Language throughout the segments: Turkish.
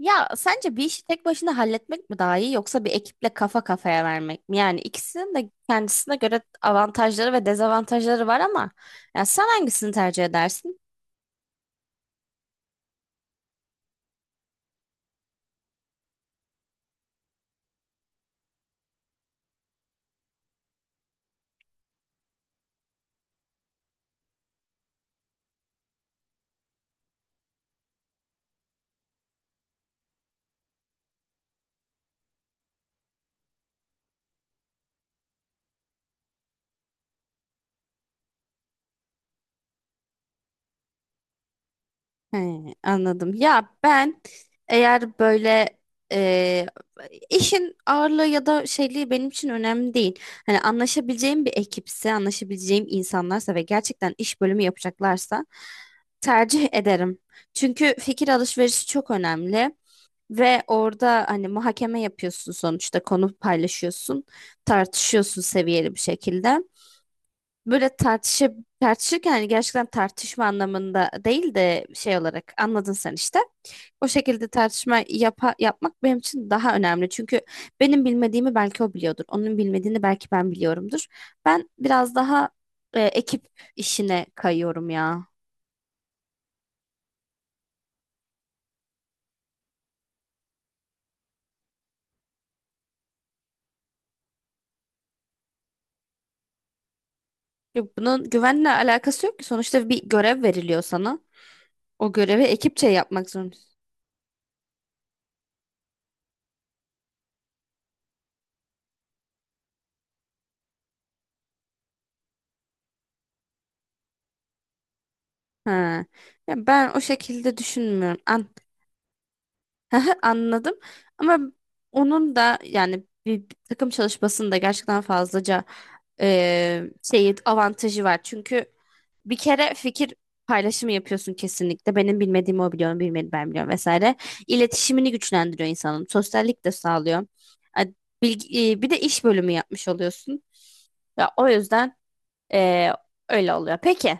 Ya sence bir işi tek başına halletmek mi daha iyi yoksa bir ekiple kafa kafaya vermek mi? Yani ikisinin de kendisine göre avantajları ve dezavantajları var ama ya sen hangisini tercih edersin? He, anladım. Ya ben eğer böyle e, işin ağırlığı ya da şeyliği benim için önemli değil. Hani anlaşabileceğim bir ekipse, anlaşabileceğim insanlarsa ve gerçekten iş bölümü yapacaklarsa tercih ederim. Çünkü fikir alışverişi çok önemli. Ve orada hani muhakeme yapıyorsun, sonuçta konu paylaşıyorsun, tartışıyorsun seviyeli bir şekilde. Böyle tartışıp tartışırken hani gerçekten tartışma anlamında değil de şey olarak anladın sen işte. O şekilde yapmak benim için daha önemli. Çünkü benim bilmediğimi belki o biliyordur. Onun bilmediğini belki ben biliyorumdur. Ben biraz daha ekip işine kayıyorum ya. Ya bunun güvenle alakası yok ki. Sonuçta bir görev veriliyor sana. O görevi ekipçe yapmak zorundasın. Ha. Ya ben o şekilde düşünmüyorum. Anladım. Ama onun da yani bir takım çalışmasında gerçekten fazlaca e, şey avantajı var. Çünkü bir kere fikir paylaşımı yapıyorsun kesinlikle. Benim bilmediğimi o biliyor, bilmedi ben biliyorum vesaire. İletişimini güçlendiriyor insanın. Sosyallik de sağlıyor. A- Bir de iş bölümü yapmış oluyorsun. Ya o yüzden e, öyle oluyor. Peki.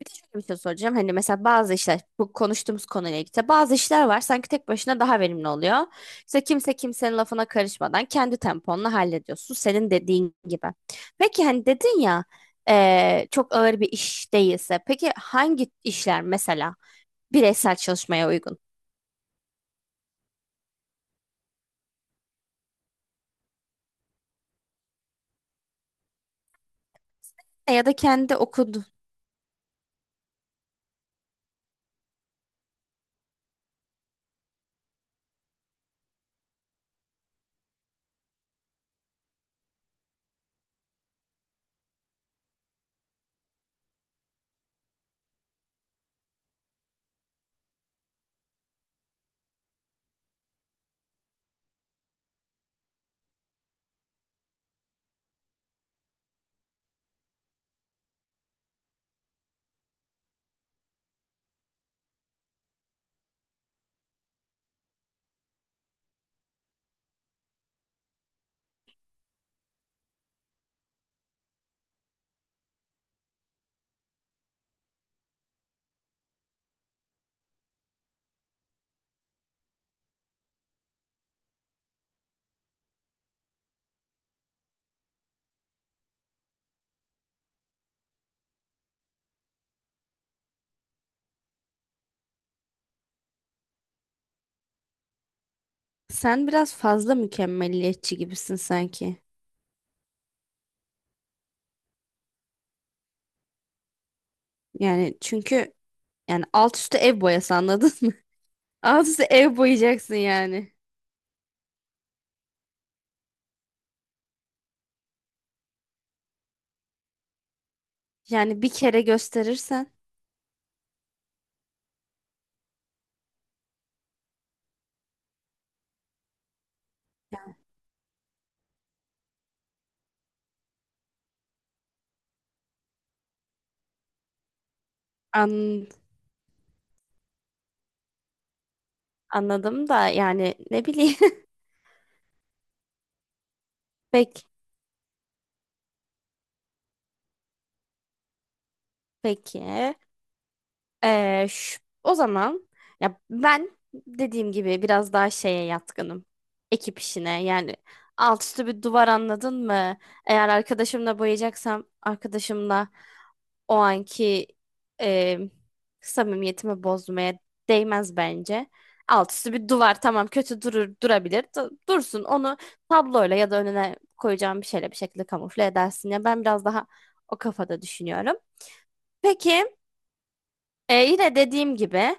Bir de şöyle bir şey soracağım. Hani mesela bazı işler bu konuştuğumuz konuyla ilgili. Bazı işler var sanki tek başına daha verimli oluyor. İşte kimse kimsenin lafına karışmadan kendi temponla hallediyorsun. Senin dediğin gibi. Peki hani dedin ya çok ağır bir iş değilse. Peki hangi işler mesela bireysel çalışmaya uygun? Ya da kendi okudun. Sen biraz fazla mükemmeliyetçi gibisin sanki. Yani çünkü yani alt üstü ev boyası anladın mı? Alt üstü ev boyayacaksın yani. Yani bir kere gösterirsen an, anladım da yani ne bileyim. Peki, peki. O zaman ya ben dediğim gibi biraz daha şeye yatkınım. Ekip işine yani alt üstü bir duvar anladın mı? Eğer arkadaşımla boyayacaksam arkadaşımla o anki e, samimiyetimi bozmaya değmez bence. Alt üstü bir duvar tamam, kötü durur durabilir, dursun, onu tabloyla ya da önüne koyacağım bir şeyle bir şekilde kamufle edersin, ya ben biraz daha o kafada düşünüyorum. Peki. Yine dediğim gibi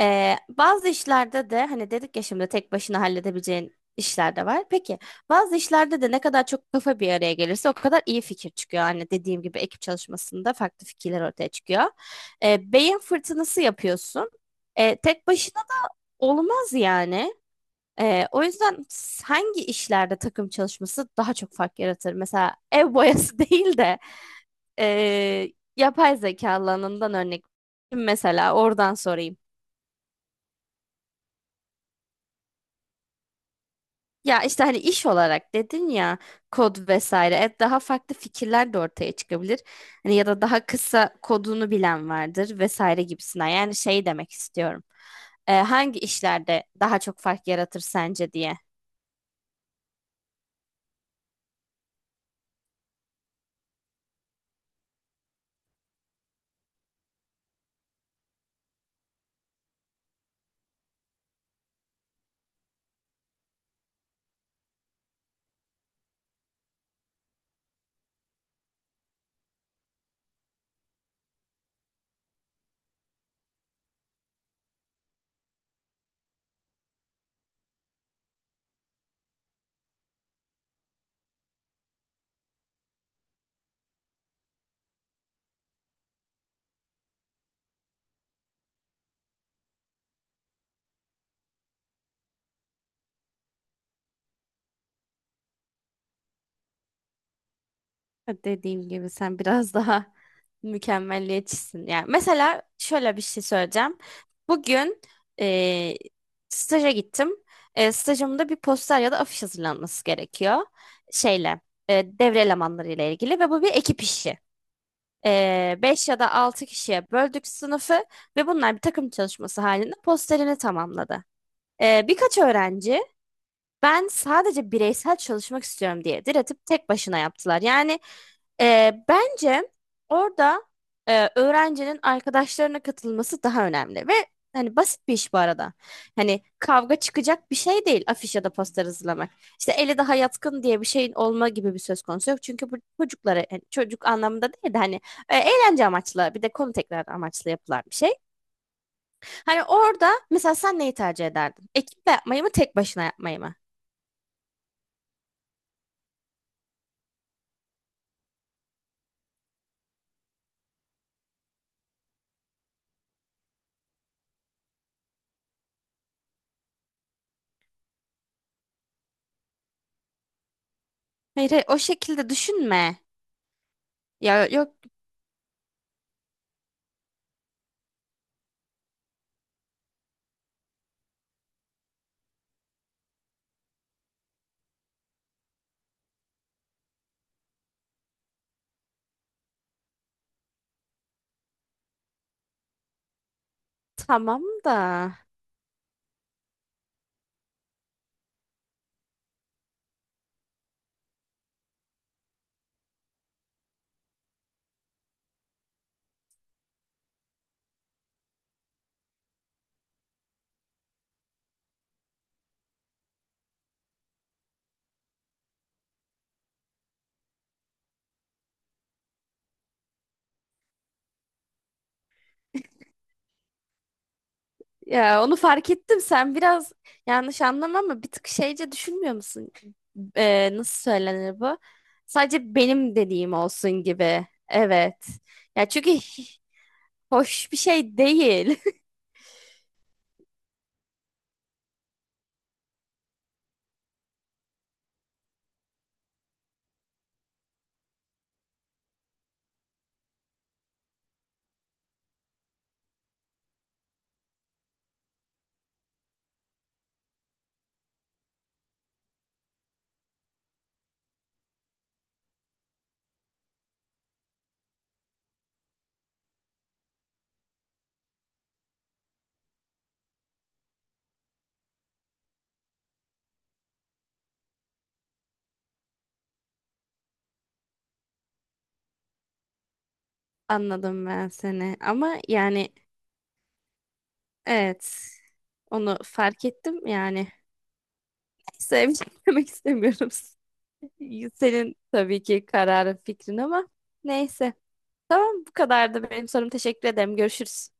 bazı işlerde de hani dedik ya şimdi tek başına halledebileceğin işler de var. Peki bazı işlerde de ne kadar çok kafa bir araya gelirse o kadar iyi fikir çıkıyor. Hani dediğim gibi ekip çalışmasında farklı fikirler ortaya çıkıyor. Beyin fırtınası yapıyorsun. Tek başına da olmaz yani. O yüzden hangi işlerde takım çalışması daha çok fark yaratır? Mesela ev boyası değil de ee, yapay zeka alanından örnek. Mesela oradan sorayım. Ya işte hani iş olarak dedin ya, kod vesaire. Daha farklı fikirler de ortaya çıkabilir. Hani ya da daha kısa kodunu bilen vardır vesaire gibisinden. Yani şey demek istiyorum. Hangi işlerde daha çok fark yaratır sence diye. Dediğim gibi sen biraz daha mükemmelliyetçisin. Yani mesela şöyle bir şey söyleyeceğim. Bugün eee staja gittim. Stajımda bir poster ya da afiş hazırlanması gerekiyor. Şeyle, Devre elemanlarıyla ilgili ve bu bir ekip işi. 5 ya da 6 kişiye böldük sınıfı ve bunlar bir takım çalışması halinde posterini tamamladı. Birkaç öğrenci ben sadece bireysel çalışmak istiyorum diye diretip tek başına yaptılar. Yani bence orada öğrencinin arkadaşlarına katılması daha önemli ve hani basit bir iş bu arada. Hani kavga çıkacak bir şey değil afiş ya da poster hazırlamak. İşte eli daha yatkın diye bir şeyin olma gibi bir söz konusu yok. Çünkü bu çocuklara yani çocuk anlamında değil de hani eğlence amaçlı bir de konu tekrar amaçlı yapılan bir şey. Hani orada mesela sen neyi tercih ederdin? Ekiple yapmayı mı tek başına yapmayı mı? Hayır, hayır, o şekilde düşünme. Ya yok, tamam da. Ya onu fark ettim, sen biraz yanlış anlama ama bir tık şeyce düşünmüyor musun? Nasıl söylenir bu? Sadece benim dediğim olsun gibi. Evet. Ya çünkü hoş bir şey değil. Anladım ben seni. Ama yani evet. Onu fark ettim yani. Neyse, bir şey demek istemiyorum. Senin tabii ki kararın, fikrin ama neyse. Tamam, bu kadardı benim sorum. Teşekkür ederim. Görüşürüz.